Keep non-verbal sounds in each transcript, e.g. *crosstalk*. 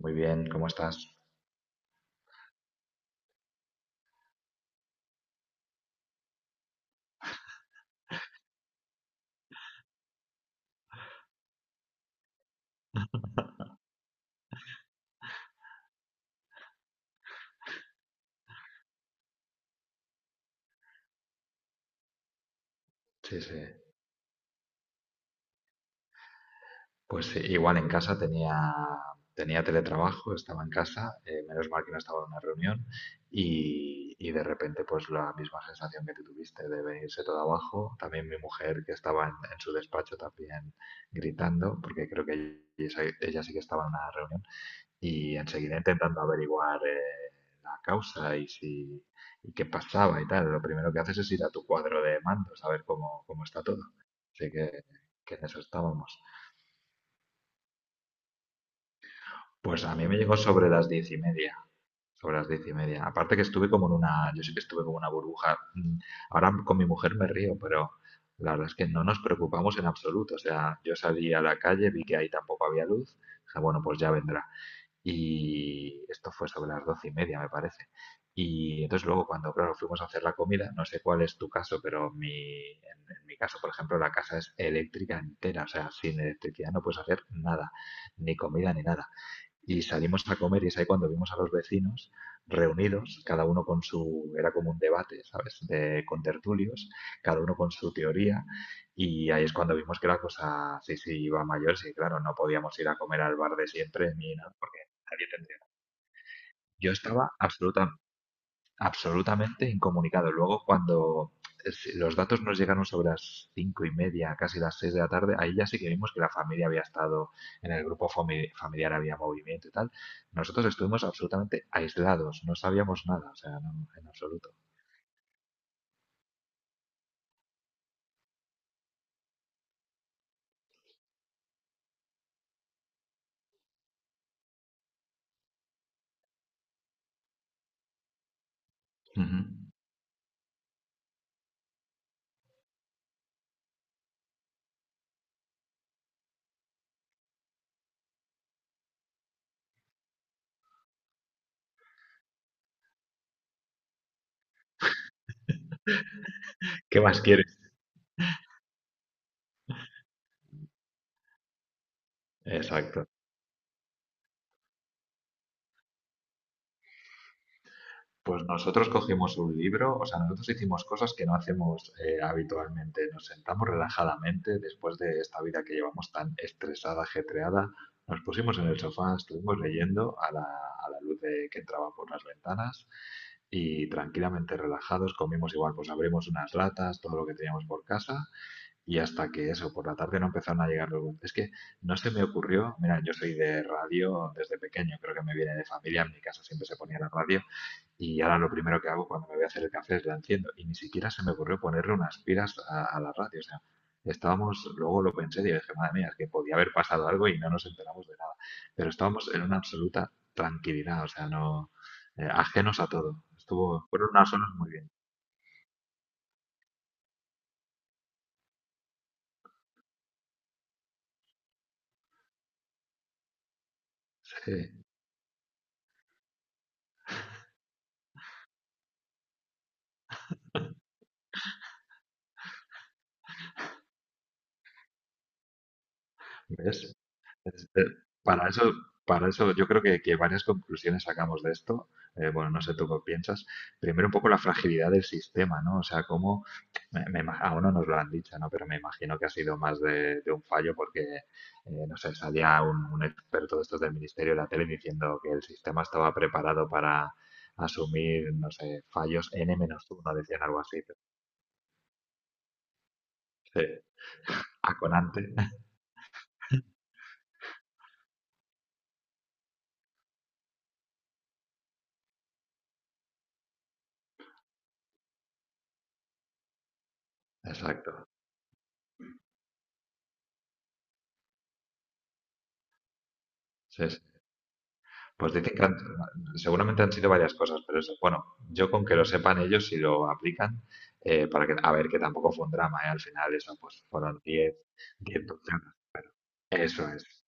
Muy bien, ¿cómo estás? Sí, sí. Pues sí, igual en casa tenía teletrabajo, estaba en casa, menos mal que no estaba en una reunión y de repente pues la misma sensación que tú tuviste de venirse todo abajo. También mi mujer que estaba en su despacho también gritando porque creo que ella sí que estaba en una reunión y enseguida intentando averiguar la causa y si y qué pasaba y tal. Lo primero que haces es ir a tu cuadro de mandos a ver cómo está todo. Así que en eso estábamos. Pues a mí me llegó sobre las 10:30. Sobre las diez y media. Aparte que estuve como en una, yo sé que estuve como una burbuja. Ahora con mi mujer me río, pero la verdad es que no nos preocupamos en absoluto. O sea, yo salí a la calle, vi que ahí tampoco había luz. Dije, bueno, pues ya vendrá. Y esto fue sobre las 12:30, me parece. Y entonces luego cuando, claro, fuimos a hacer la comida, no sé cuál es tu caso, pero mi, en mi caso, por ejemplo, la casa es eléctrica entera, o sea, sin electricidad no puedes hacer nada, ni comida ni nada y salimos a comer y es ahí cuando vimos a los vecinos reunidos, cada uno con su, era como un debate, ¿sabes? De, con tertulios, cada uno con su teoría y ahí es cuando vimos que la cosa sí, sí iba mayor, sí, claro, no podíamos ir a comer al bar de siempre ni nada, porque nadie tendría. Yo estaba absolutamente incomunicado. Luego, cuando si los datos nos llegaron sobre las 5:30, casi las 6 de la tarde, ahí ya sí que vimos que la familia había estado en el grupo familiar, había movimiento y tal. Nosotros estuvimos absolutamente aislados, no sabíamos nada, o sea, no, en absoluto. Ujú. ¿Qué más quieres? Exacto. Pues nosotros cogimos un libro, o sea, nosotros hicimos cosas que no hacemos habitualmente. Nos sentamos relajadamente después de esta vida que llevamos tan estresada, ajetreada. Nos pusimos en el sofá, estuvimos leyendo a la luz que entraba por las ventanas y tranquilamente relajados comimos igual, pues abrimos unas latas, todo lo que teníamos por casa y hasta que eso, por la tarde no empezaron a llegar los... Es que no se me ocurrió, mira, yo soy de radio desde pequeño, creo que me viene de familia, en mi casa siempre se ponía la radio. Y ahora lo primero que hago cuando me voy a hacer el café es la enciendo. Y ni siquiera se me ocurrió ponerle unas pilas a la radio. O sea, estábamos, luego lo pensé y dije, madre mía, es que podía haber pasado algo y no nos enteramos de nada. Pero estábamos en una absoluta tranquilidad, o sea, no, ajenos a todo. Estuvo, fueron unas horas muy bien. Sí. ¿Ves? Este, para eso, para eso yo creo que varias conclusiones sacamos de esto. Bueno, no sé tú qué piensas. Primero, un poco la fragilidad del sistema, ¿no? O sea, cómo, me- me ima- aún no nos lo han dicho, ¿no? Pero me imagino que ha sido más de un fallo porque, no sé, salía un experto de estos del Ministerio de la Tele diciendo que el sistema estaba preparado para asumir, no sé, fallos n uno, decían algo así. Pero, sí, Aconante. *laughs* Exacto. Sí, sí. Pues dicen que seguramente han sido varias cosas, pero eso, bueno, yo, con que lo sepan ellos si lo aplican, para que, a ver, que tampoco fue un drama, ¿eh? Al final eso, pues fueron 10 personas. Eso es.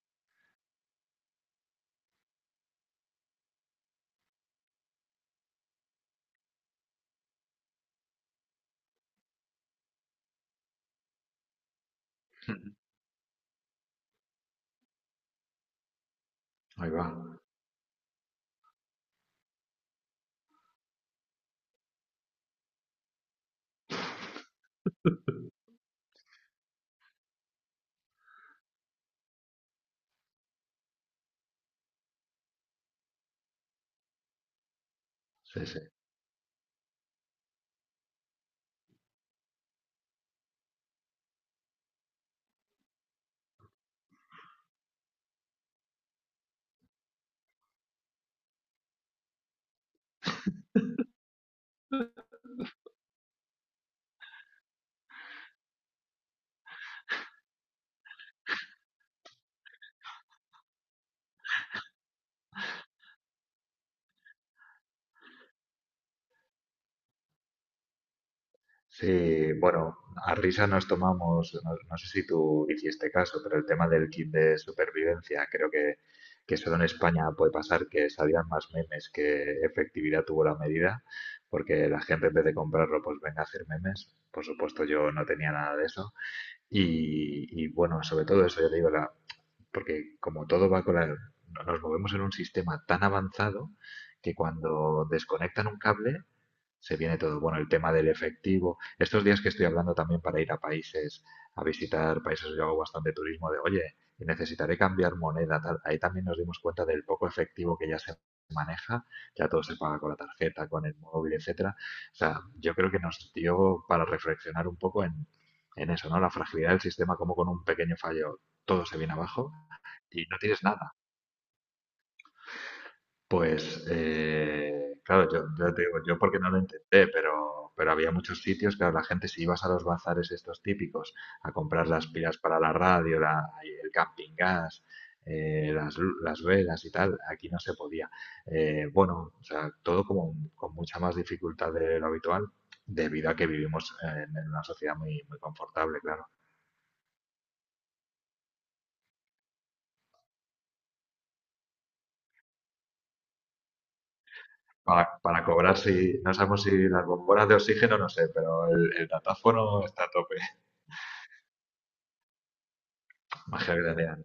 *laughs* Ahí va. Sí, sí. Sí, bueno, a risa nos tomamos, no, no sé si tú hiciste caso, pero el tema del kit de supervivencia, creo que solo en España puede pasar que salían más memes que efectividad tuvo la medida, porque la gente en vez de comprarlo, pues venga a hacer memes. Por supuesto, yo no tenía nada de eso. Y bueno, sobre todo eso, yo te digo, porque como todo va con nos movemos en un sistema tan avanzado que cuando desconectan un cable se viene todo. Bueno, el tema del efectivo. Estos días que estoy hablando también para ir a países, a visitar países, yo hago bastante turismo de, oye, necesitaré cambiar moneda, tal. Ahí también nos dimos cuenta del poco efectivo que ya se maneja, ya todo se paga con la tarjeta, con el móvil, etcétera. O sea, yo creo que nos dio para reflexionar un poco en eso, ¿no? La fragilidad del sistema, como con un pequeño fallo todo se viene abajo y no tienes nada. Pues, claro, yo te digo, yo porque no lo intenté, pero había muchos sitios, claro, la gente si ibas a los bazares estos típicos a comprar las pilas para la radio, el camping gas, las velas y tal, aquí no se podía. Bueno, o sea, todo como con mucha más dificultad de lo habitual, debido a que vivimos en una sociedad muy, muy confortable, claro. Para cobrar, si, no sabemos si las bombonas de oxígeno, no sé, pero el datáfono está a tope. *laughs* Magia gracias.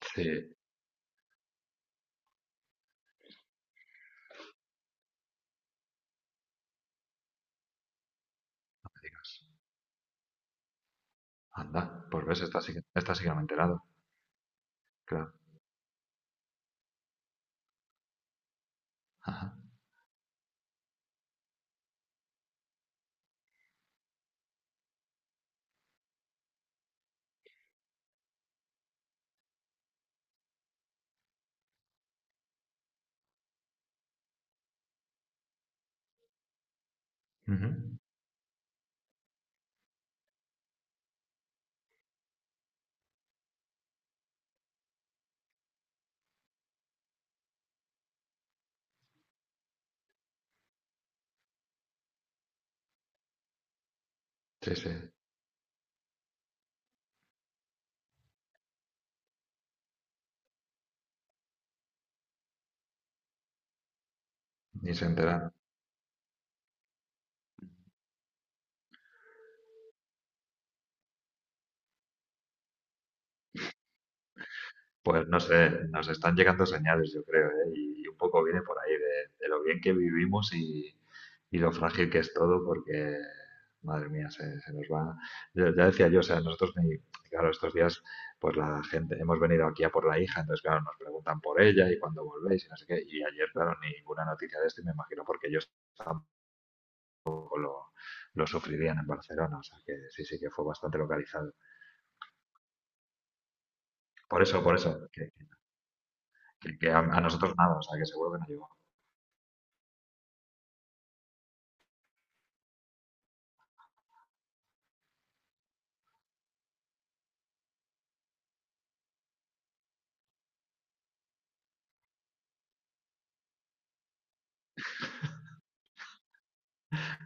Sí, digas, anda, pues ves, esta sí que no me he enterado, claro. Ajá. Ujú. Sí, sí, ni se enteran. Pues no sé, nos están llegando señales, yo creo, ¿eh? Y un poco viene por ahí de lo bien que vivimos y lo frágil que es todo, porque, madre mía, se nos va. Ya decía yo, o sea, nosotros, ni, claro, estos días, pues la gente, hemos venido aquí a por la hija, entonces, claro, nos preguntan por ella y cuándo volvéis y no sé qué. Y ayer, claro, ninguna noticia de esto y me imagino porque ellos poco lo sufrirían en Barcelona, o sea que sí, sí que fue bastante localizado. Por eso, que a nosotros nada, o sea que seguro que no llegó.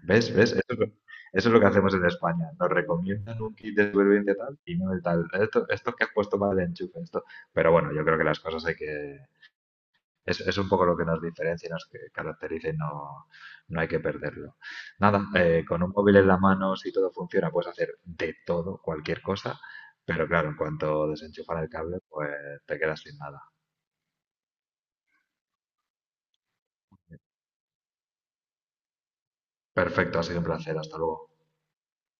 ¿Ves? ¿Ves? Eso es lo que hacemos en España. Nos recomiendan un kit de supervivencia tal y no el tal. Esto que has puesto mal de enchufe, esto. Pero bueno, yo creo que las cosas es un poco lo que nos diferencia y nos caracteriza y no, no hay que perderlo. Nada, con un móvil en la mano, si todo funciona, puedes hacer de todo, cualquier cosa, pero claro, en cuanto desenchufan el cable, pues te quedas sin nada. Perfecto, ha sido un placer, hasta luego.